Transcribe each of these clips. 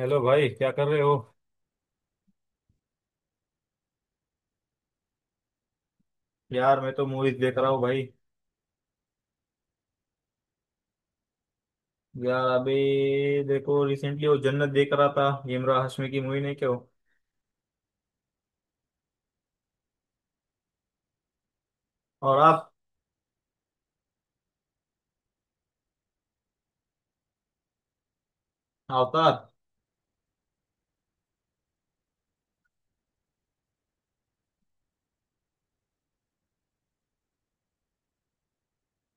Hello भाई क्या कर रहे हो? यार मैं तो मूवीज देख रहा हूँ भाई। यार अभी देखो रिसेंटली वो जन्नत देख रहा था। इमरान हाशमी की मूवी, नहीं क्यों। और आप? अवतार।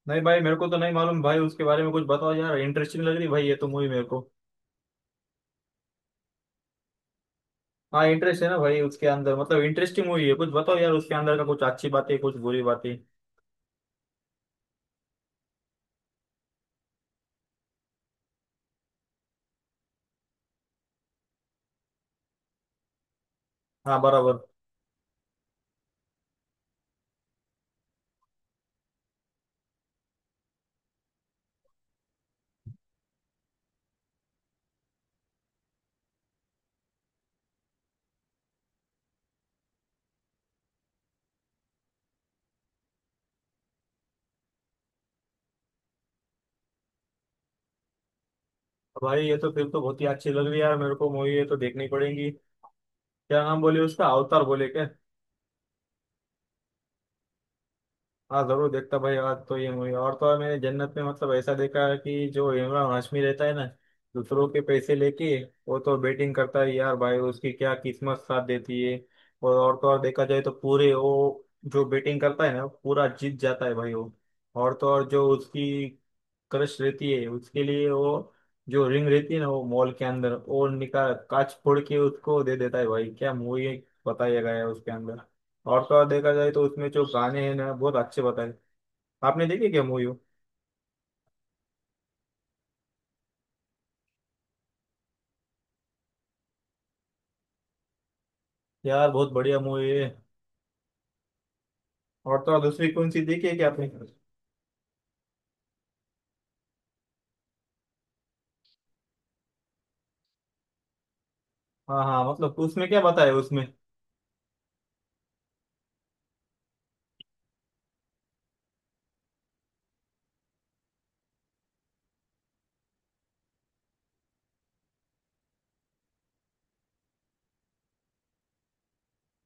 नहीं भाई मेरे को तो नहीं मालूम भाई, उसके बारे में कुछ बताओ यार। इंटरेस्टिंग लग रही भाई ये तो मूवी मेरे को। हाँ इंटरेस्ट है ना भाई, उसके अंदर मतलब इंटरेस्टिंग मूवी है। कुछ बताओ यार उसके अंदर का, कुछ अच्छी बातें कुछ बुरी बातें। हाँ बराबर। भाई ये तो फिर तो बहुत ही अच्छी लग रही है यार मेरे को मूवी, ये तो देखनी पड़ेगी। क्या नाम बोले उसका? अवतार बोले क्या? हाँ जरूर देखता भाई आज तो ये मूवी। और तो और मैंने जन्नत में मतलब ऐसा देखा है कि जो इमरान हाशमी रहता है ना, दूसरों के पैसे लेके वो तो बेटिंग करता है यार भाई, उसकी क्या किस्मत साथ देती है। और तो और देखा जाए तो पूरे वो जो बेटिंग करता है ना पूरा जीत जाता है भाई वो। और तो और जो उसकी क्रश रहती है उसके लिए वो जो रिंग रहती है ना, वो मॉल के अंदर वो निकाल, कांच फोड़ के उसको दे देता है भाई। क्या मूवी बताया गया है उसके अंदर। और तो और देखा जाए तो उसमें जो गाने हैं ना, बहुत अच्छे बताए। आपने देखी क्या मूवी? यार बहुत बढ़िया मूवी है। और तो और दूसरी कौन सी देखी है क्या आपने? हाँ हाँ, मतलब उसमें क्या बताया उसमें?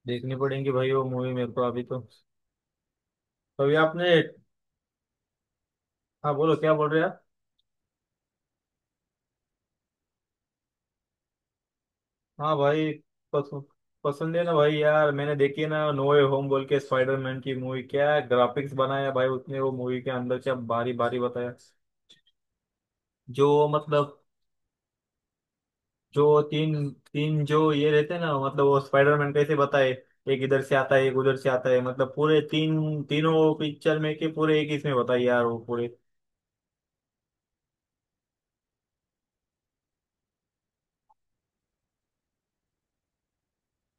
देखनी पड़ेगी भाई वो मूवी मेरे को अभी तो। अभी आपने? हाँ बोलो क्या बोल रहे हैं आप? हाँ भाई, पस, पसंद है ना भाई। यार मैंने देखी है ना नो वे होम बोल के स्पाइडरमैन की मूवी, क्या ग्राफिक्स बनाया भाई उसने, वो मूवी के अंदर से बारी बारी बताया। जो मतलब जो तीन तीन जो ये रहते हैं ना, मतलब वो स्पाइडरमैन कैसे बताए, एक इधर से आता है एक उधर से आता है, मतलब पूरे तीन तीनों पिक्चर में के पूरे एक इसमें बताई यार वो पूरे।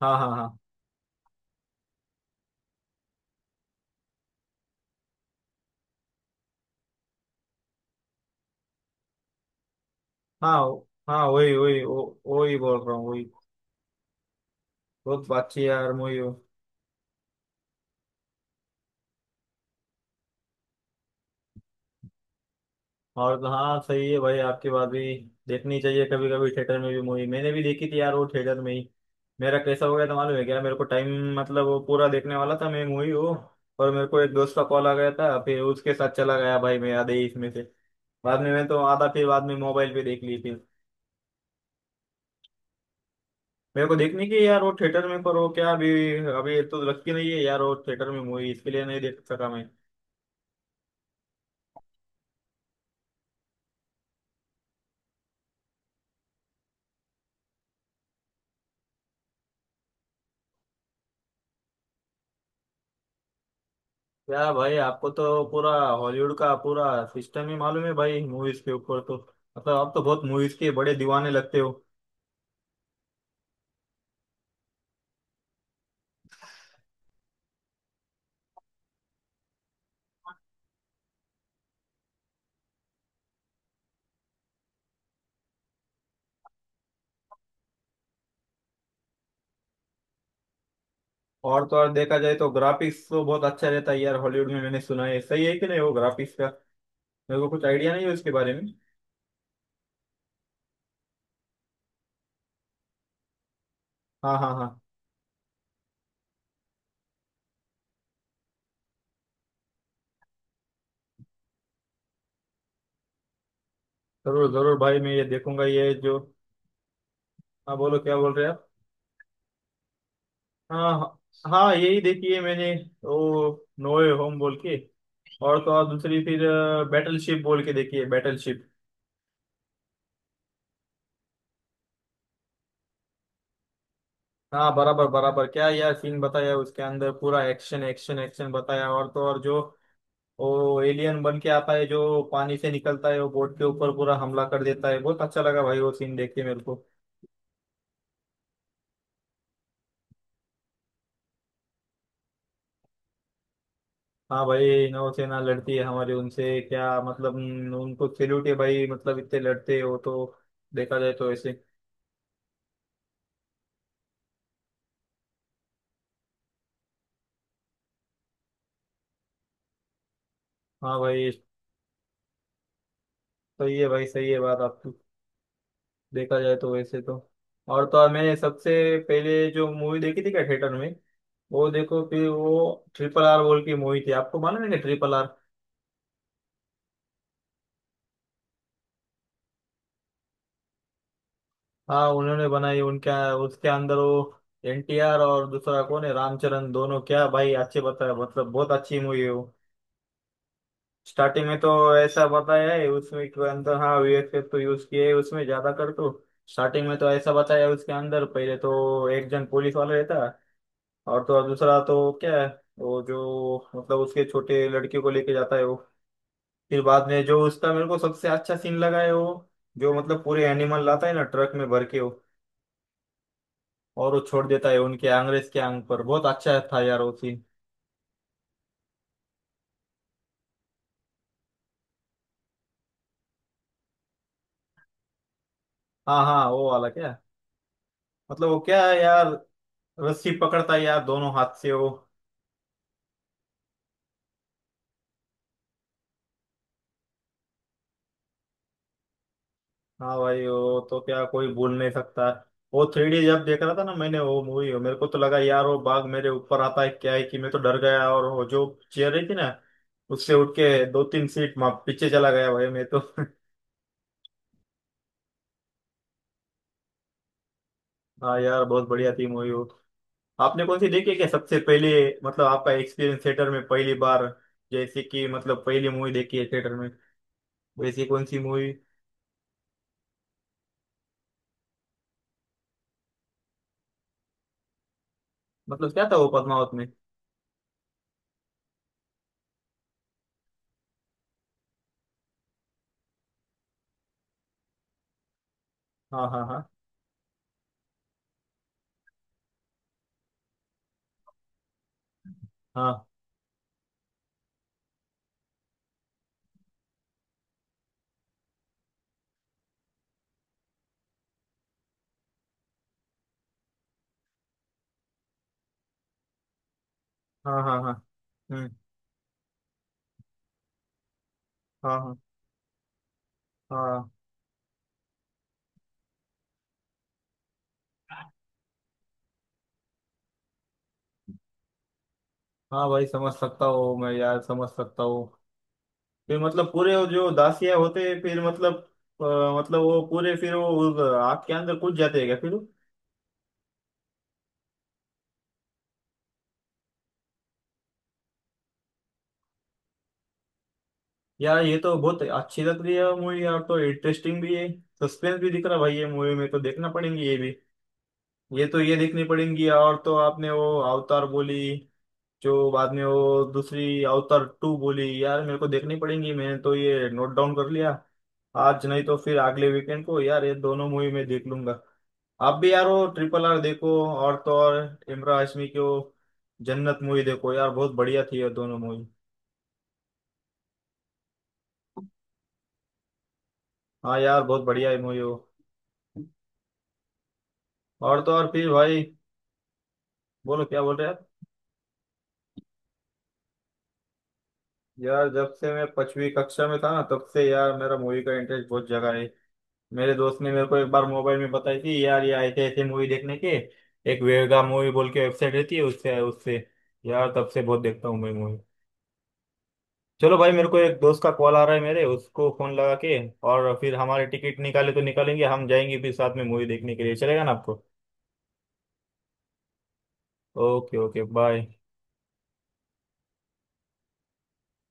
हाँ हाँ हाँ। हाँ हाँ वही वही वही बोल रहा हूँ वही। बहुत अच्छी यार मूवी। और तो हाँ, सही है भाई आपकी बात भी। देखनी चाहिए कभी कभी थिएटर में भी मूवी, मैंने भी देखी थी यार वो थिएटर में ही। मेरा कैसा हो गया था मालूम है क्या मेरे को टाइम, मतलब वो पूरा देखने वाला था मैं मूवी वो, और मेरे को एक दोस्त का कॉल आ गया था फिर उसके साथ चला गया भाई मैं आधे ही इसमें से। बाद में मैं तो आधा फिर बाद में मोबाइल पे देख ली फिर। मेरे को देखने की है यार वो थिएटर में, पर वो क्या अभी अभी तो लगती नहीं है यार वो थिएटर में मूवी, इसके लिए नहीं देख सका मैं। क्या भाई, आपको तो पूरा हॉलीवुड का पूरा सिस्टम ही मालूम है भाई मूवीज के ऊपर तो। मतलब आप तो बहुत मूवीज के बड़े दीवाने लगते हो। और तो और देखा जाए तो ग्राफिक्स तो बहुत अच्छा रहता है यार हॉलीवुड में, मैंने सुना है, सही है कि नहीं वो ग्राफिक्स का? मेरे को कुछ आइडिया नहीं है उसके बारे में। हाँ हाँ हाँ। जरूर जरूर भाई मैं ये देखूंगा ये जो, हाँ बोलो क्या बोल रहे हैं आप? हाँ हाँ हाँ, यही देखी है मैंने, वो नोए होम बोल के। और तो और दूसरी फिर बैटलशिप बोल के देखी है, बैटलशिप। हाँ बराबर बराबर, क्या यार सीन बताया उसके अंदर, पूरा एक्शन एक्शन एक्शन बताया। और तो और जो वो एलियन बन के आता है जो पानी से निकलता है, वो बोट के ऊपर पूरा हमला कर देता है। बहुत अच्छा लगा भाई वो सीन देख के मेरे को। हाँ भाई नौसेना लड़ती है हमारे उनसे क्या मतलब, उनको सैल्यूट है भाई, मतलब इतने लड़ते हो तो। देखा जाए तो ऐसे। हाँ भाई सही है, भाई सही है बात आपकी। देखा जाए तो वैसे तो। और तो और मैंने सबसे पहले जो मूवी देखी थी क्या थिएटर में, वो देखो फिर वो ट्रिपल आर बोल की मूवी थी। आपको मालूम है क्या ट्रिपल आर? हाँ उन्होंने बनाई उनका, उसके अंदर वो एनटीआर और दूसरा कौन है रामचरण, दोनों क्या भाई अच्छे बताया, मतलब बहुत अच्छी मूवी है वो। स्टार्टिंग में तो ऐसा बताया है उसमें के अंदर, हाँ वीएफएक्स तो यूज किए है उसमें ज्यादा कर तो। स्टार्टिंग में तो ऐसा बताया है उसके अंदर, पहले तो एक जन पुलिस वाला रहता और तो और दूसरा तो क्या है वो, जो मतलब उसके छोटे लड़के को लेके जाता है वो। फिर बाद में जो उसका मेरे को सबसे अच्छा सीन लगा है वो, जो मतलब पूरे एनिमल लाता है ना ट्रक में भर के वो, और वो छोड़ देता है उनके अंग्रेज के आंग पर, बहुत अच्छा था यार वो सीन। हाँ हाँ वो वाला क्या, मतलब वो क्या है यार, रस्सी पकड़ता है यार दोनों हाथ से वो। हाँ भाई, वो तो क्या कोई भूल नहीं सकता। वो थ्री डी जब देख रहा था ना मैंने वो मूवी, मेरे को तो लगा यार वो बाघ मेरे ऊपर आता है, क्या है कि मैं तो डर गया, और वो जो चेयर रही थी ना, उससे उठ के दो तीन सीट माँ पीछे चला गया भाई मैं तो हाँ यार बहुत बढ़िया थी मूवी वो। आपने कौन सी देखी है क्या सबसे पहले, मतलब आपका एक्सपीरियंस थिएटर में पहली बार, जैसे कि मतलब पहली मूवी देखी है थिएटर में, वैसी कौन सी मूवी? मतलब क्या था वो पद्मावत में? हाँ हाँ हाँ। हाँ हाँ हाँ। हाँ हम्म। हाँ हाँ। हाँ हाँ भाई समझ सकता हूँ मैं, यार समझ सकता हूँ। फिर मतलब पूरे वो जो दासिया होते हैं फिर मतलब, मतलब वो पूरे फिर वो उस आग के अंदर कूद जाते हैं क्या फिर? यार ये तो बहुत अच्छी लग रही है मूवी यार, तो इंटरेस्टिंग भी है, सस्पेंस भी दिख रहा है भाई ये मूवी में, तो देखना पड़ेंगी ये भी। ये तो ये देखनी पड़ेंगी। और तो आपने वो अवतार बोली, जो बाद में वो दूसरी अवतार टू बोली, यार मेरे को देखनी पड़ेंगी, मैंने तो ये नोट डाउन कर लिया। आज नहीं तो फिर अगले वीकेंड को यार ये दोनों मूवी मैं देख लूंगा। आप भी यार वो ट्रिपल आर देखो, और तो और इमरान हाशमी की वो जन्नत मूवी देखो यार, बहुत बढ़िया थी ये दोनों मूवी। हाँ यार बहुत बढ़िया मूवी हो। और तो और फिर भाई, बोलो क्या बोल रहे हैं आप? यार जब से मैं पांचवी कक्षा में था ना, तब से यार मेरा मूवी का इंटरेस्ट बहुत जगा है। मेरे दोस्त ने मेरे को एक बार मोबाइल में बताई थी यार, ये ऐसे ऐसे मूवी देखने के, एक वेगा मूवी बोल के वेबसाइट रहती है उससे उससे यार तब से बहुत देखता हूँ मैं मूवी। चलो भाई मेरे को एक दोस्त का कॉल आ रहा है, मेरे उसको फोन लगा के, और फिर हमारे टिकट निकाले तो निकालेंगे, हम जाएंगे फिर साथ में मूवी देखने के लिए, चलेगा ना आपको? Okay okay bye.